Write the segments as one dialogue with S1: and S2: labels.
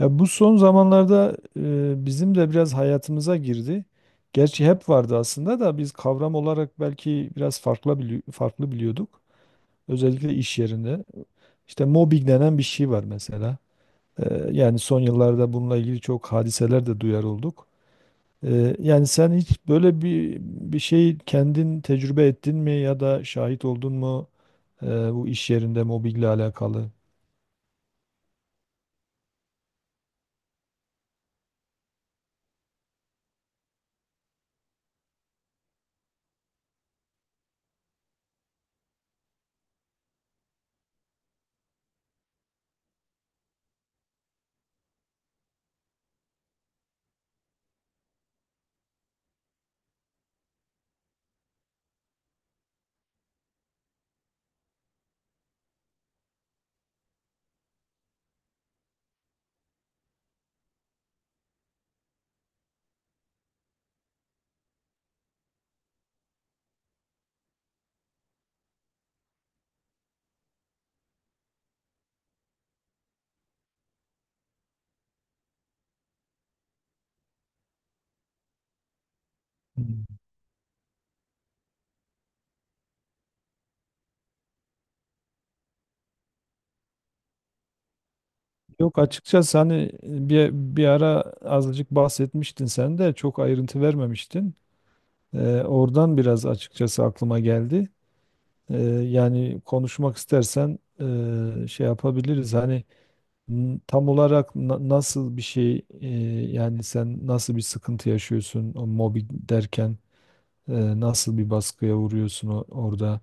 S1: Ya bu son zamanlarda bizim de biraz hayatımıza girdi. Gerçi hep vardı aslında da biz kavram olarak belki biraz farklı farklı biliyorduk. Özellikle iş yerinde. İşte mobbing denen bir şey var mesela. Yani son yıllarda bununla ilgili çok hadiseler de duyar olduk. Yani sen hiç böyle bir şey kendin tecrübe ettin mi ya da şahit oldun mu e, bu iş yerinde mobbingle alakalı? Hmm. Yok, açıkçası hani bir ara azıcık bahsetmiştin, sen de çok ayrıntı vermemiştin. Oradan biraz açıkçası aklıma geldi. Yani konuşmak istersen şey yapabiliriz. Hani tam olarak nasıl bir şey, yani sen nasıl bir sıkıntı yaşıyorsun o mobbing derken, nasıl bir baskıya vuruyorsun orada?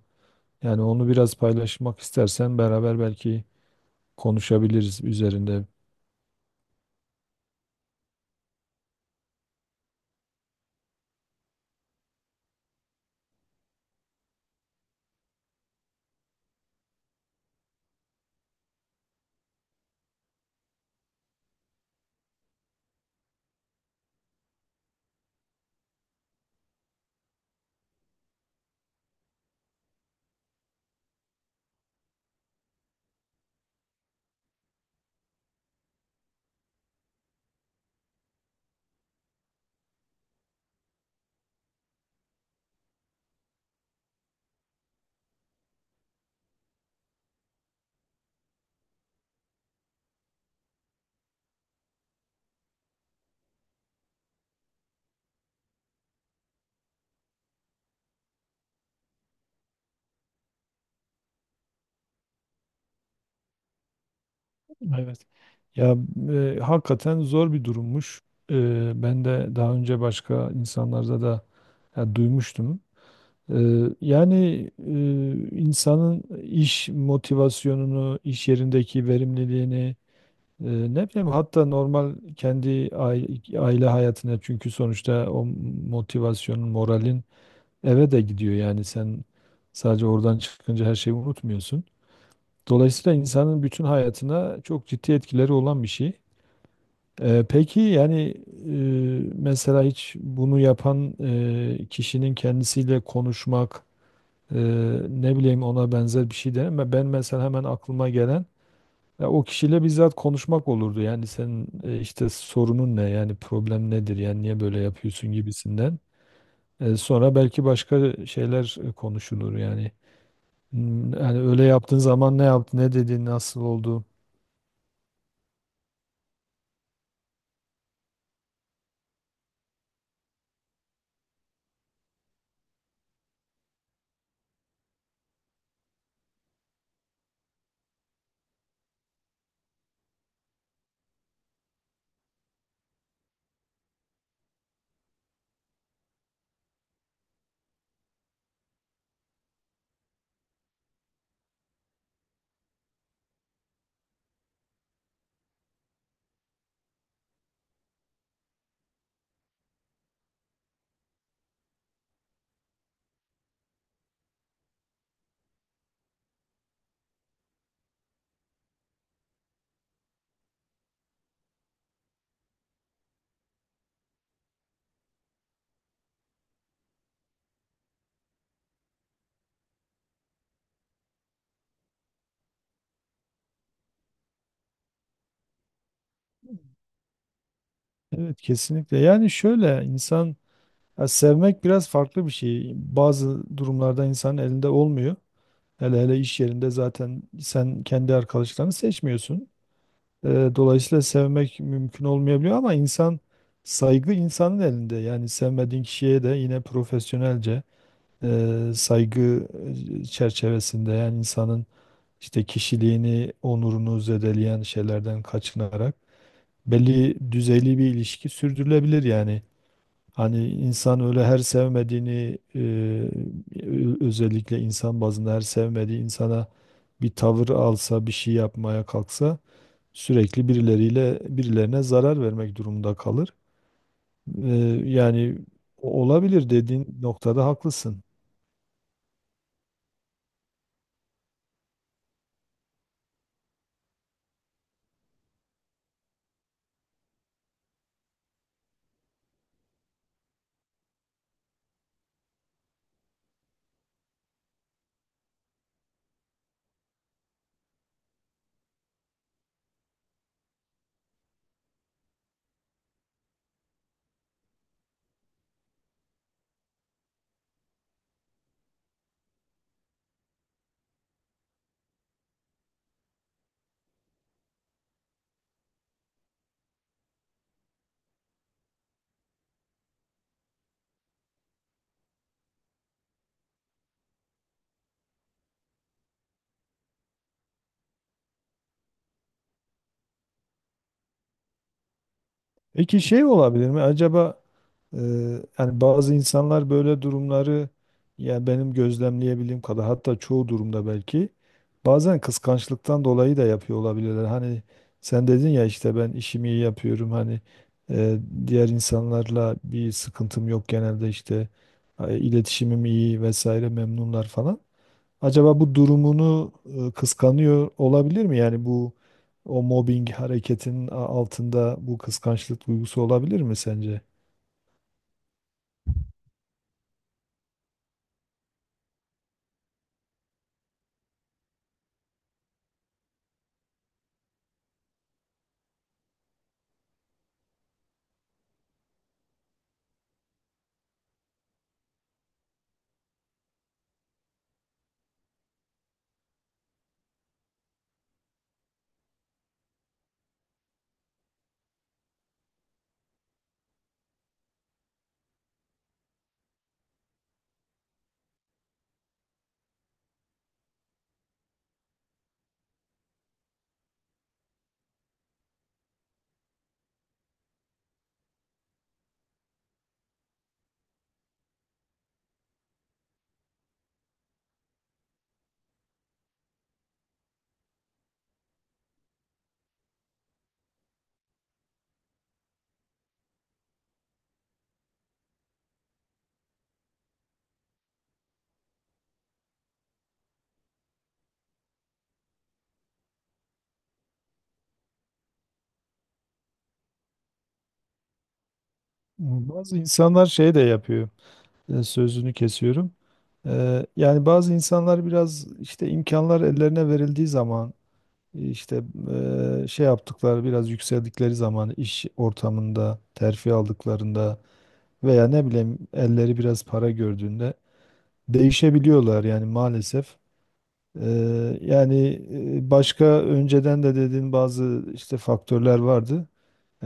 S1: Yani onu biraz paylaşmak istersen beraber belki konuşabiliriz üzerinde. Evet. Ya, hakikaten zor bir durummuş. E, Ben de daha önce başka insanlarda da, ya, duymuştum. E, Yani insanın iş motivasyonunu, iş yerindeki verimliliğini, ne bileyim, hatta normal kendi aile hayatına, çünkü sonuçta o motivasyonun, moralin eve de gidiyor. Yani sen sadece oradan çıkınca her şeyi unutmuyorsun. Dolayısıyla insanın bütün hayatına çok ciddi etkileri olan bir şey. Peki yani mesela hiç bunu yapan kişinin kendisiyle konuşmak, e, ne bileyim ona benzer bir şey de, ben mesela hemen aklıma gelen, ya o kişiyle bizzat konuşmak olurdu. Yani senin işte sorunun ne, yani problem nedir, yani niye böyle yapıyorsun gibisinden. Sonra belki başka şeyler konuşulur yani. Hmm. Yani öyle yaptığın zaman ne yaptı, ne dedi, nasıl oldu. Evet, kesinlikle. Yani şöyle, insan, ya sevmek biraz farklı bir şey. Bazı durumlarda insanın elinde olmuyor. Hele hele iş yerinde zaten sen kendi arkadaşlarını seçmiyorsun. Ee, Dolayısıyla sevmek mümkün olmayabiliyor ama insan, saygı insanın elinde. Yani sevmediğin kişiye de yine profesyonelce saygı çerçevesinde, yani insanın işte kişiliğini, onurunu zedeleyen şeylerden kaçınarak belli düzeyli bir ilişki sürdürülebilir yani. Hani insan öyle her sevmediğini özellikle insan bazında her sevmediği insana bir tavır alsa, bir şey yapmaya kalksa, sürekli birileriyle birilerine zarar vermek durumunda kalır. E, Yani olabilir, dediğin noktada haklısın. Peki şey olabilir mi? Acaba e, yani bazı insanlar böyle durumları, ya benim gözlemleyebildiğim kadar, hatta çoğu durumda belki, bazen kıskançlıktan dolayı da yapıyor olabilirler. Hani sen dedin ya işte ben işimi iyi yapıyorum, hani e, diğer insanlarla bir sıkıntım yok genelde, işte iletişimim iyi vesaire, memnunlar falan. Acaba bu durumunu kıskanıyor olabilir mi? Yani bu o mobbing hareketinin altında bu kıskançlık duygusu olabilir mi sence? Bazı insanlar şey de yapıyor. Sözünü kesiyorum. Yani bazı insanlar biraz işte imkanlar ellerine verildiği zaman, işte şey yaptıkları, biraz yükseldikleri zaman iş ortamında, terfi aldıklarında veya ne bileyim elleri biraz para gördüğünde değişebiliyorlar yani maalesef. Yani başka önceden de dediğin bazı işte faktörler vardı.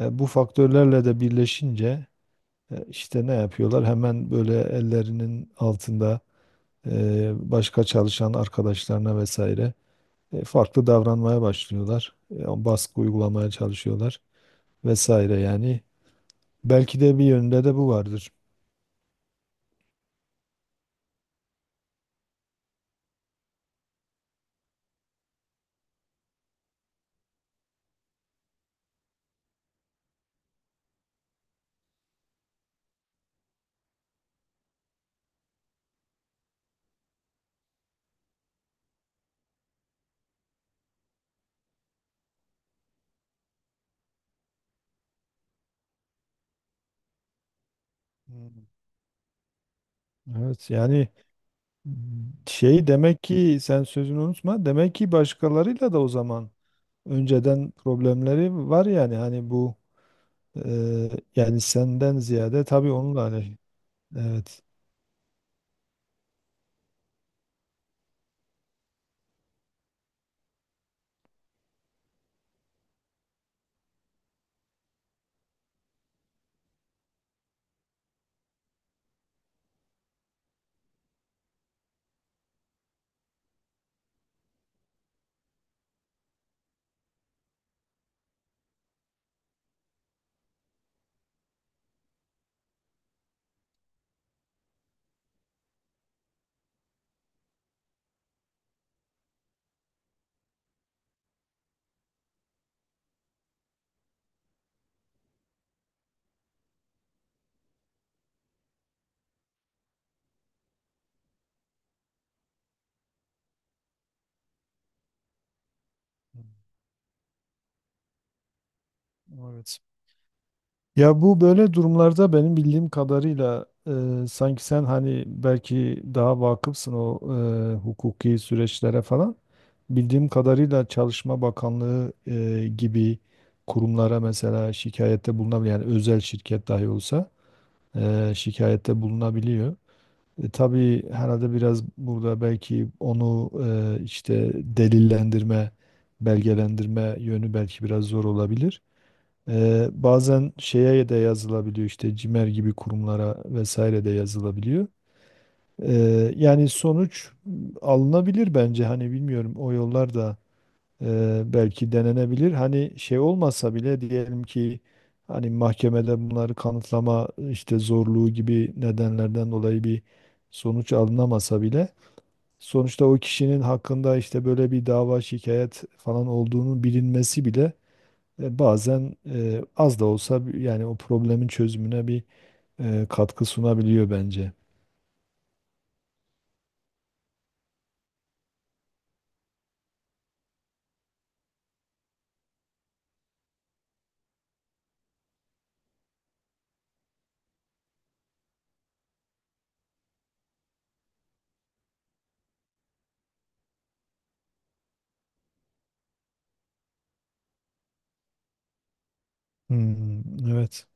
S1: Bu faktörlerle de birleşince işte ne yapıyorlar? Hemen böyle ellerinin altında başka çalışan arkadaşlarına vesaire farklı davranmaya başlıyorlar. O baskı uygulamaya çalışıyorlar vesaire yani. Belki de bir yönde de bu vardır. Hmm. Evet yani, şey, demek ki, sen sözünü unutma, demek ki başkalarıyla da o zaman önceden problemleri var, yani hani bu e, yani senden ziyade tabii onunla hani evet, evet. Ya bu böyle durumlarda benim bildiğim kadarıyla sanki sen hani belki daha vakıfsın o hukuki süreçlere falan, bildiğim kadarıyla Çalışma Bakanlığı gibi kurumlara mesela şikayette bulunabiliyor, yani özel şirket dahi olsa şikayette bulunabiliyor. Tabii herhalde biraz burada belki onu işte delillendirme, belgelendirme yönü belki biraz zor olabilir. Bazen şeye de yazılabiliyor, işte CİMER gibi kurumlara vesaire de yazılabiliyor. E, Yani sonuç alınabilir bence, hani bilmiyorum, o yollar da belki denenebilir. Hani şey olmasa bile, diyelim ki hani mahkemede bunları kanıtlama işte zorluğu gibi nedenlerden dolayı bir sonuç alınamasa bile, sonuçta o kişinin hakkında işte böyle bir dava, şikayet falan olduğunu bilinmesi bile bazen az da olsa yani o problemin çözümüne bir katkı sunabiliyor bence. Hmm, evet.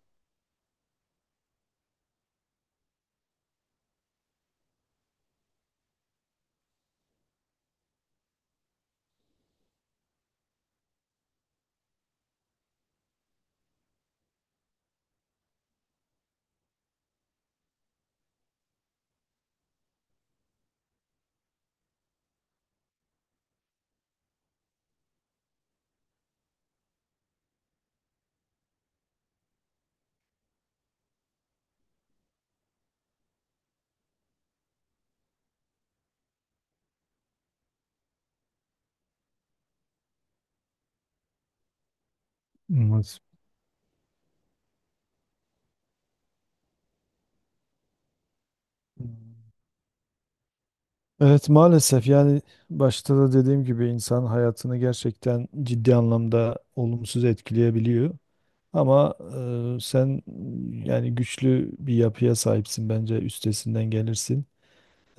S1: Olmaz. Evet, maalesef yani, başta da dediğim gibi insan hayatını gerçekten ciddi anlamda olumsuz etkileyebiliyor. Ama sen, yani güçlü bir yapıya sahipsin, bence üstesinden gelirsin.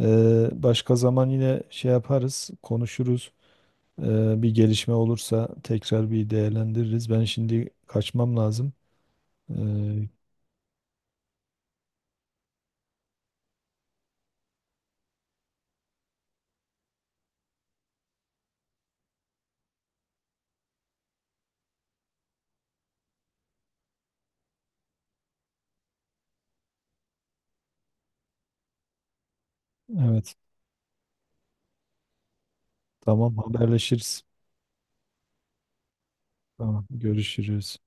S1: Başka zaman yine şey yaparız, konuşuruz. Bir gelişme olursa tekrar bir değerlendiririz. Ben şimdi kaçmam lazım. E, evet, tamam, haberleşiriz. Tamam, görüşürüz.